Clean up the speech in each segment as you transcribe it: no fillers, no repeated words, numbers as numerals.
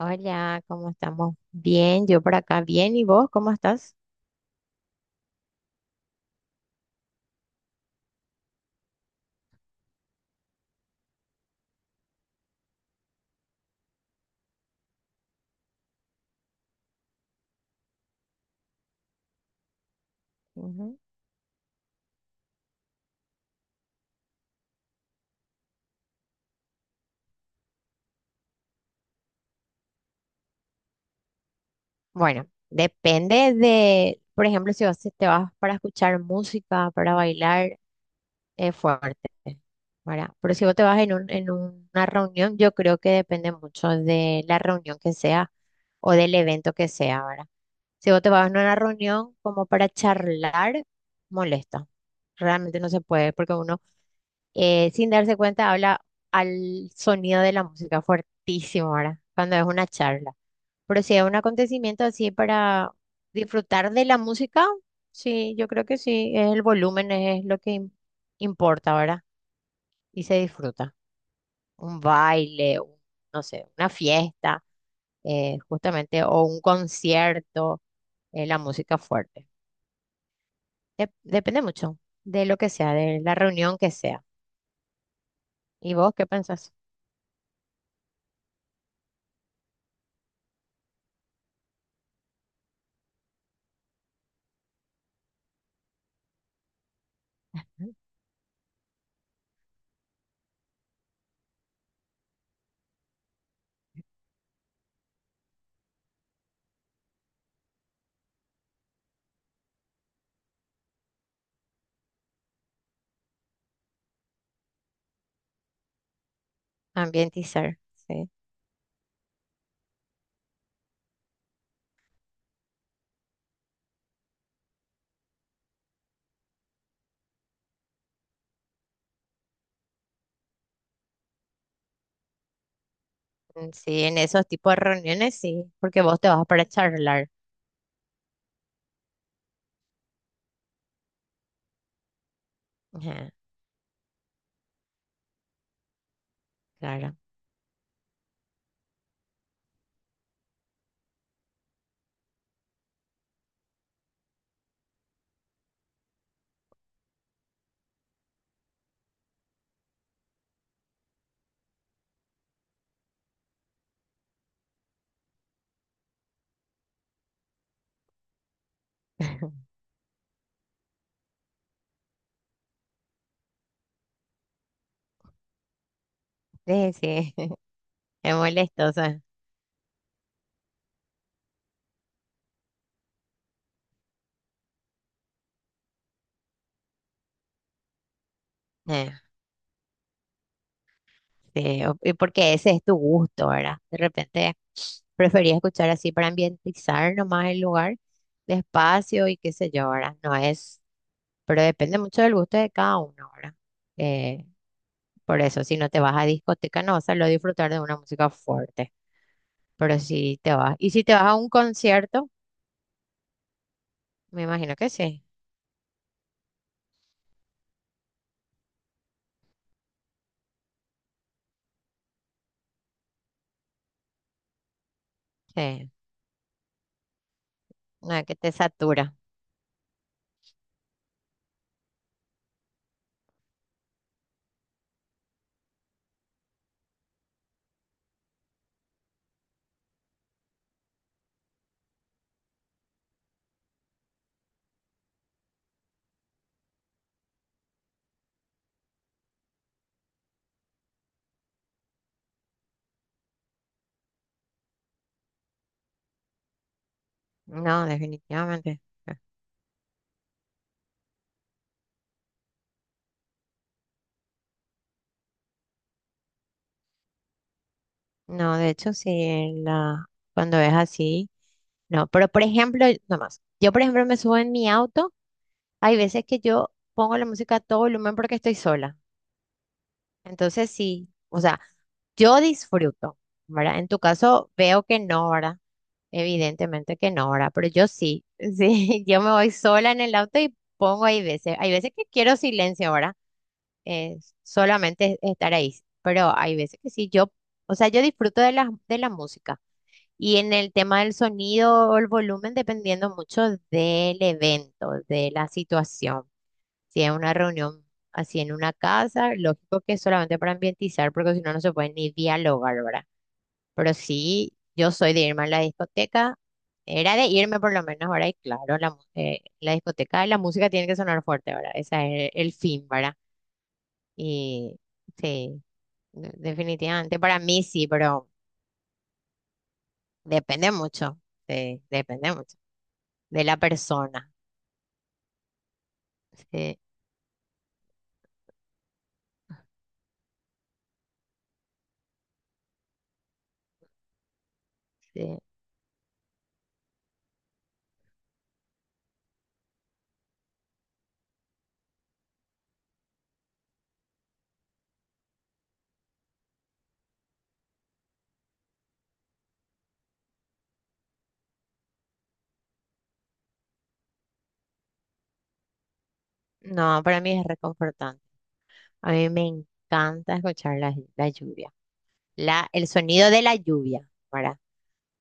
Hola, ¿cómo estamos? Bien, yo por acá bien. ¿Y vos cómo estás? Ujú. Bueno, depende de, por ejemplo, si vos te vas para escuchar música, para bailar, es fuerte, ¿verdad? Pero si vos te vas en una reunión, yo creo que depende mucho de la reunión que sea o del evento que sea, ¿verdad? Si vos te vas a una reunión como para charlar, molesta. Realmente no se puede porque uno sin darse cuenta habla al sonido de la música fuertísimo, ¿verdad? Cuando es una charla. Pero si es un acontecimiento así para disfrutar de la música, sí, yo creo que sí, es el volumen es lo que importa, ¿verdad? Y se disfruta. Un baile, no sé, una fiesta, justamente, o un concierto, la música fuerte. Depende mucho de lo que sea, de la reunión que sea. ¿Y vos qué pensás? Ambientizar, sí. Mm, sí, en esos tipos de reuniones sí, porque vos te vas para charlar. Ajá, claro. Sí, sí, es molestosa. Sí, o- y porque ese es tu gusto, ¿verdad? De repente prefería escuchar así para ambientizar nomás el lugar, despacio y qué sé yo, ¿verdad? No es, pero depende mucho del gusto de cada uno, ¿verdad? Eh, por eso, si no te vas a discoteca, no vas a lo disfrutar de una música fuerte, pero si te vas, y si te vas a un concierto, me imagino que sí, sí, una que te satura, no, definitivamente. No, de hecho, sí, en la, cuando es así, no. Pero, por ejemplo, nomás, yo, por ejemplo, me subo en mi auto, hay veces que yo pongo la música a todo volumen porque estoy sola. Entonces, sí, o sea, yo disfruto, ¿verdad? En tu caso, veo que no, ¿verdad? Evidentemente que no, ¿verdad? Pero yo sí, sí, yo me voy sola en el auto y pongo hay veces que quiero silencio, ¿verdad? Eh, solamente estar ahí, pero hay veces que sí, yo, o sea, yo disfruto de la música. Y en el tema del sonido o el volumen, dependiendo mucho del evento, de la situación. Si es una reunión así en una casa, lógico que es solamente para ambientizar, porque si no, no se puede ni dialogar, ¿verdad? Pero sí, yo soy de irme a la discoteca, era de irme por lo menos, ¿verdad? Y claro, la discoteca, la música tiene que sonar fuerte, ¿verdad? Ese es el fin, ¿verdad? Y sí, definitivamente, para mí sí, pero depende mucho, sí, depende mucho de la persona. Sí, sí. No, para mí es reconfortante. A mí me encanta escuchar la, la lluvia, la, el sonido de la lluvia, ¿verdad?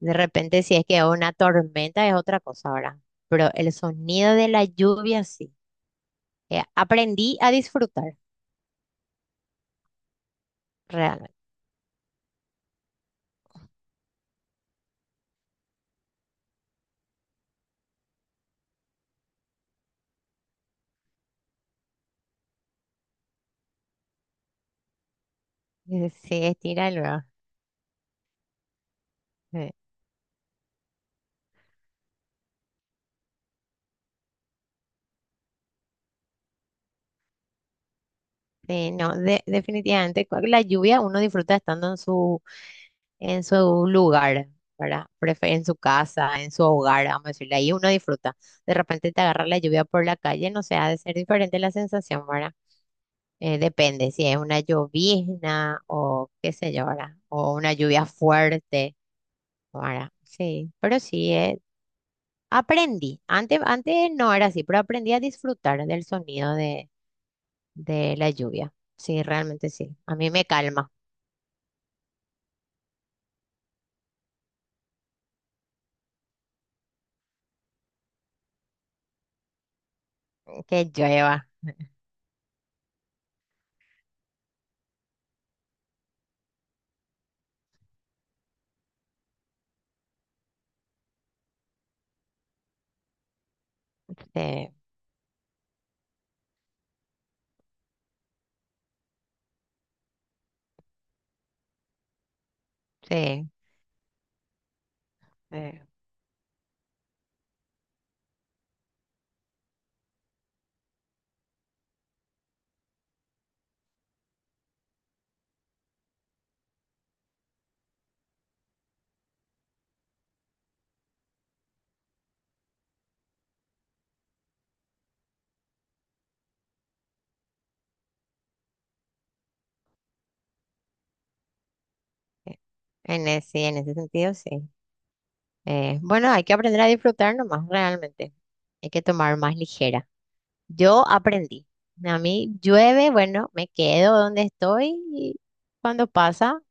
De repente, si es que una tormenta es otra cosa, ¿verdad? Pero el sonido de la lluvia sí. Aprendí a disfrutar, realmente. Sí, estira el brazo. Sí, no, definitivamente con la lluvia uno disfruta estando en su lugar, ¿verdad? En su casa, en su hogar, vamos a decirle, ahí uno disfruta. De repente te agarra la lluvia por la calle, no sé, ha de ser diferente la sensación, ¿verdad? Depende si es una llovizna o qué sé yo, ¿verdad? O una lluvia fuerte, ¿verdad? Sí, pero sí, aprendí. Antes no era así, pero aprendí a disfrutar del sonido de la lluvia. Sí, realmente sí. A mí me calma. Que llueva. Sí, sí. eh, eh, En ese, sí, en ese sentido, sí. Bueno, hay que aprender a disfrutar nomás, realmente. Hay que tomar más ligera. Yo aprendí. A mí llueve, bueno, me quedo donde estoy y cuando pasa,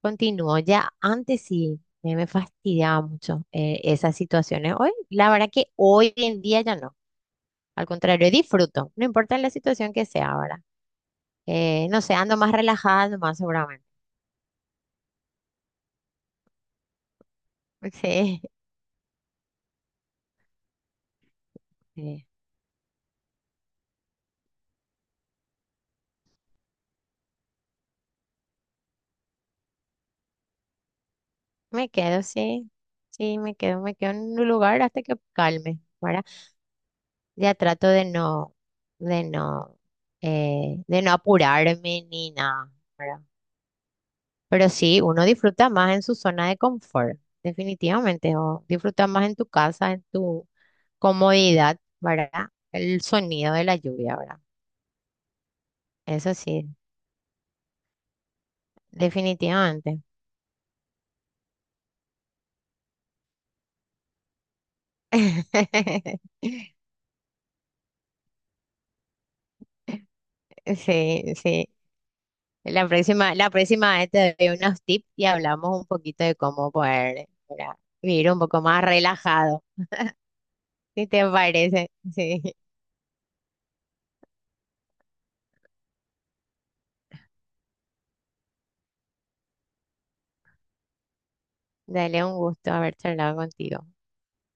continúo. Ya antes sí me fastidiaba mucho esas situaciones. Hoy, la verdad que hoy en día ya no. Al contrario, disfruto. No importa la situación que sea ahora. No sé, ando más relajada, más seguramente. Sí. Sí, me quedo, sí, sí, me quedo en un lugar hasta que calme, ¿verdad? Ya trato de no, de no, de no apurarme ni nada, ¿verdad? Pero sí, uno disfruta más en su zona de confort, definitivamente, o disfruta más en tu casa, en tu comodidad, ¿verdad? El sonido de la lluvia, ¿verdad? Eso sí, definitivamente. Sí, sí. La próxima vez te doy unos tips y hablamos un poquito de cómo poder, ¿verdad? Vivir un poco más relajado, si te parece. Sí. Dale un gusto haber charlado contigo.